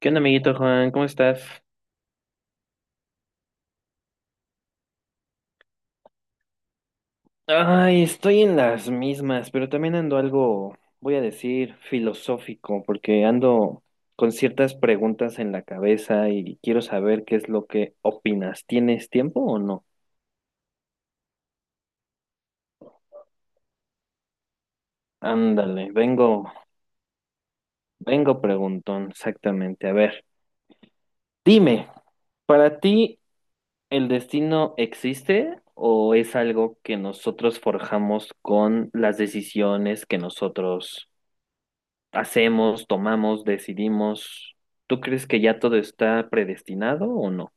¿Qué onda, amiguito Juan? ¿Cómo estás? Ay, estoy en las mismas, pero también ando algo, voy a decir, filosófico, porque ando con ciertas preguntas en la cabeza y quiero saber qué es lo que opinas. ¿Tienes tiempo o no? Ándale, vengo preguntón, exactamente. A ver, dime, ¿para ti el destino existe o es algo que nosotros forjamos con las decisiones que nosotros hacemos, tomamos, decidimos? ¿Tú crees que ya todo está predestinado o no?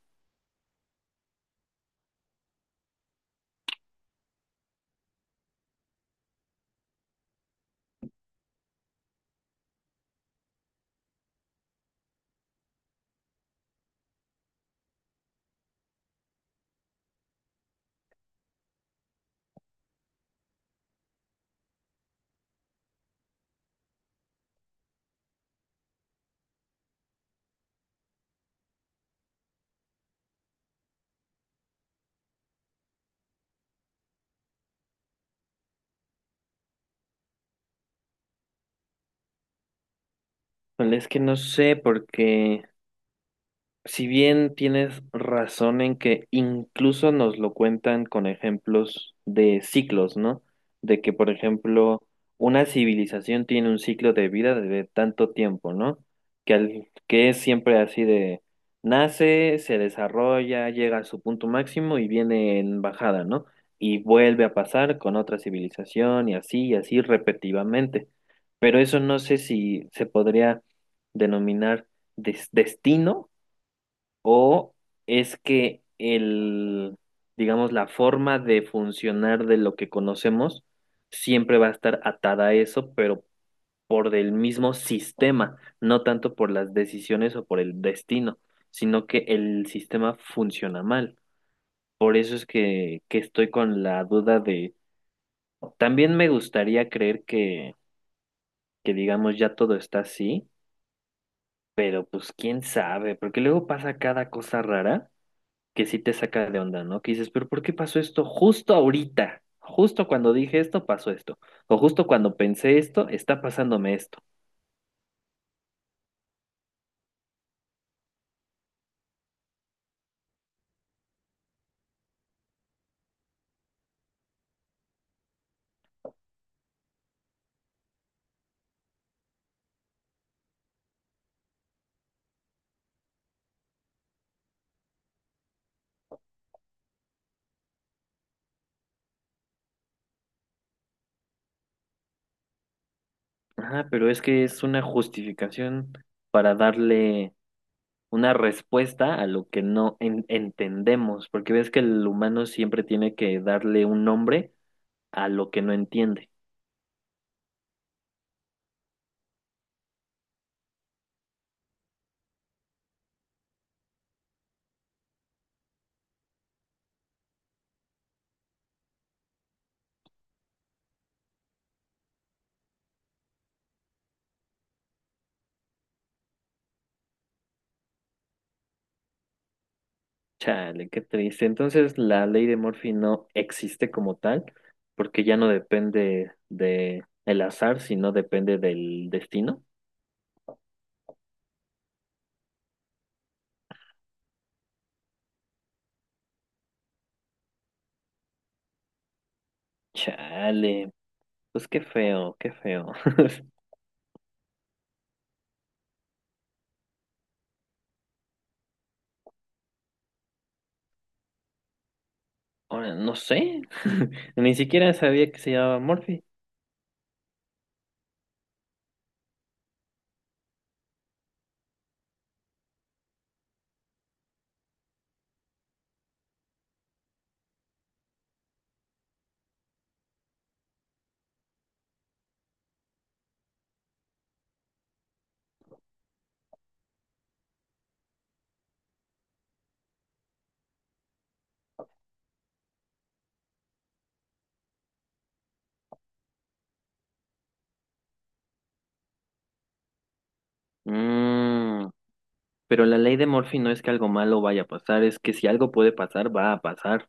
Pues es que no sé, porque si bien tienes razón en que incluso nos lo cuentan con ejemplos de ciclos, ¿no? De que, por ejemplo, una civilización tiene un ciclo de vida de tanto tiempo, ¿no? Que es siempre así de nace, se desarrolla, llega a su punto máximo y viene en bajada, ¿no? Y vuelve a pasar con otra civilización y así repetitivamente. Pero eso no sé si se podría denominar destino, o es que el, digamos, la forma de funcionar de lo que conocemos siempre va a estar atada a eso, pero por el mismo sistema, no tanto por las decisiones o por el destino, sino que el sistema funciona mal. Por eso es que estoy con la duda de, también me gustaría creer que digamos ya todo está así, pero pues quién sabe, porque luego pasa cada cosa rara que sí te saca de onda, ¿no? Que dices, pero ¿por qué pasó esto justo ahorita? Justo cuando dije esto, pasó esto. O justo cuando pensé esto, está pasándome esto. Ajá, pero es que es una justificación para darle una respuesta a lo que no entendemos, porque ves que el humano siempre tiene que darle un nombre a lo que no entiende. Chale, qué triste. Entonces, la ley de Murphy no existe como tal, porque ya no depende de el azar, sino depende del destino. Chale, pues qué feo, qué feo. Ahora, no sé, ni siquiera sabía que se llamaba Murphy. Mm, pero la ley de Murphy no es que algo malo vaya a pasar, es que si algo puede pasar, va a pasar.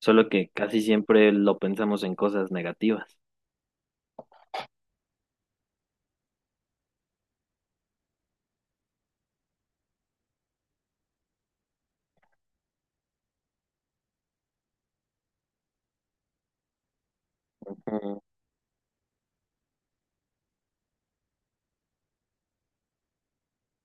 Solo que casi siempre lo pensamos en cosas negativas.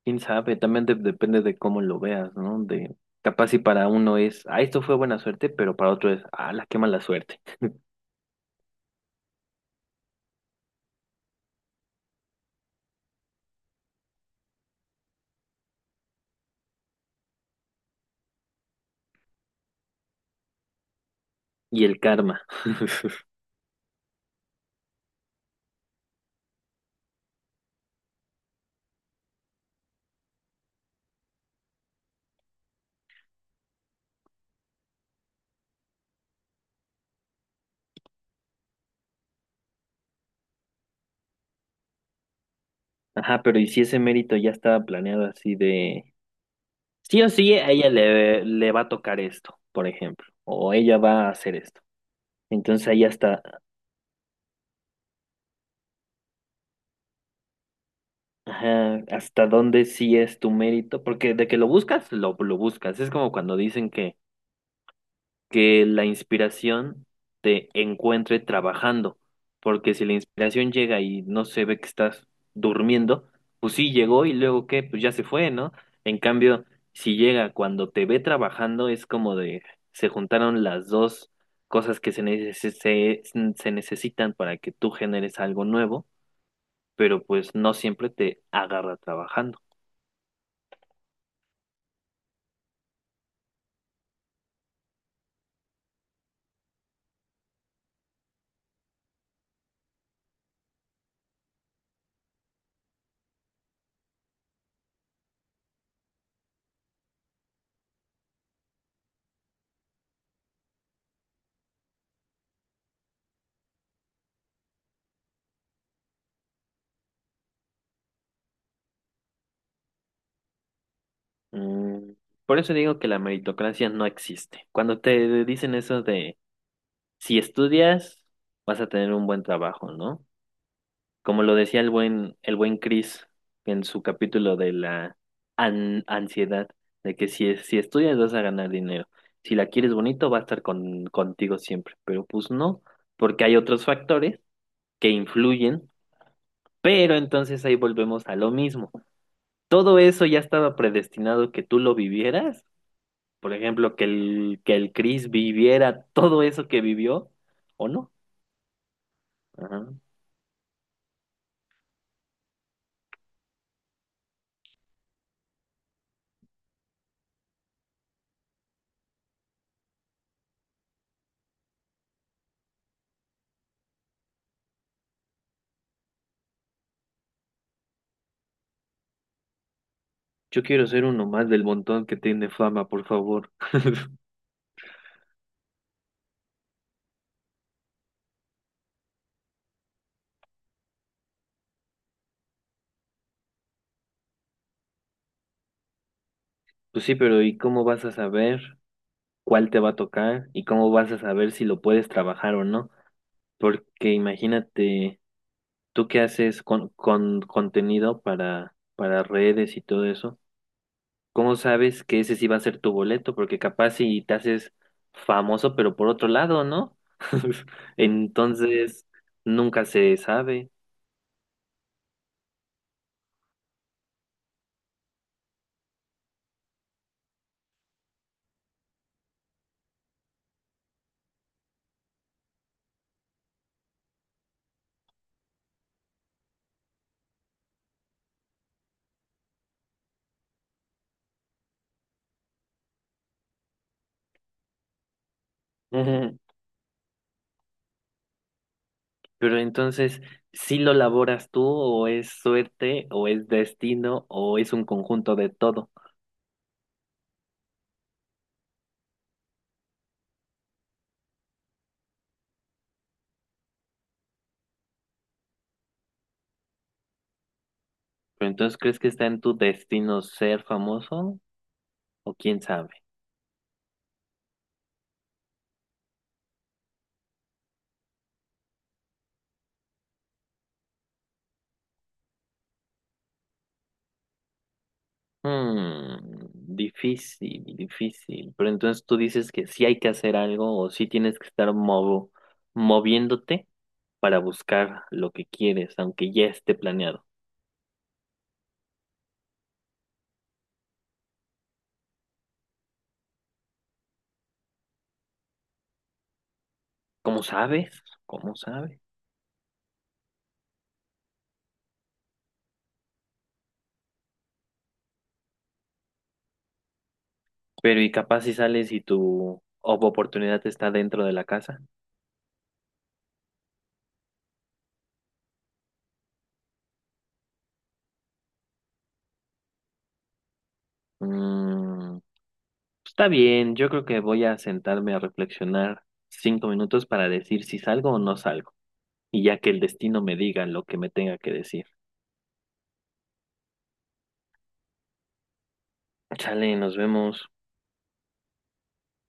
Quién sabe, también depende de cómo lo veas, ¿no? De capaz si para uno es, ah, esto fue buena suerte, pero para otro es, ah, la qué mala suerte. Y el karma. Ajá, pero ¿y si ese mérito ya estaba planeado así de, sí o sí, a ella le va a tocar esto, por ejemplo, o ella va a hacer esto? Entonces ahí hasta, ajá, hasta dónde sí es tu mérito, porque de que lo buscas, lo buscas. Es como cuando dicen que la inspiración te encuentre trabajando, porque si la inspiración llega y no se ve que estás durmiendo, pues sí llegó, y luego qué, pues ya se fue, ¿no? En cambio, si llega cuando te ve trabajando, es como de se juntaron las dos cosas que se, se, necesitan para que tú generes algo nuevo, pero pues no siempre te agarra trabajando. Mm, por eso digo que la meritocracia no existe. Cuando te dicen eso de si estudias, vas a tener un buen trabajo, ¿no? Como lo decía el buen Chris en su capítulo de la ansiedad, de que si estudias vas a ganar dinero. Si la quieres bonito, va a estar contigo siempre. Pero pues no, porque hay otros factores que influyen, pero entonces ahí volvemos a lo mismo. Todo eso ya estaba predestinado que tú lo vivieras. Por ejemplo, que el Chris viviera todo eso que vivió, ¿o no? Ajá. Yo quiero ser uno más del montón que tiene fama, por favor. Pues sí, pero ¿y cómo vas a saber cuál te va a tocar? ¿Y cómo vas a saber si lo puedes trabajar o no? Porque imagínate, tú que haces con contenido para redes y todo eso, ¿cómo sabes que ese sí va a ser tu boleto? Porque capaz si te haces famoso, pero por otro lado, ¿no? Entonces, nunca se sabe. Pero entonces, ¿sí lo laboras tú, o es suerte, o es destino, o es un conjunto de todo? Pero entonces, ¿crees que está en tu destino ser famoso o quién sabe? Hmm, difícil, difícil. Pero entonces tú dices que sí hay que hacer algo, o sí tienes que estar moviéndote para buscar lo que quieres, aunque ya esté planeado. ¿Cómo sabes? ¿Cómo sabes? Pero y capaz si sales y tu oportunidad está dentro de la casa. Mm, está bien, yo creo que voy a sentarme a reflexionar 5 minutos para decir si salgo o no salgo, y ya que el destino me diga lo que me tenga que decir. Chale, nos vemos.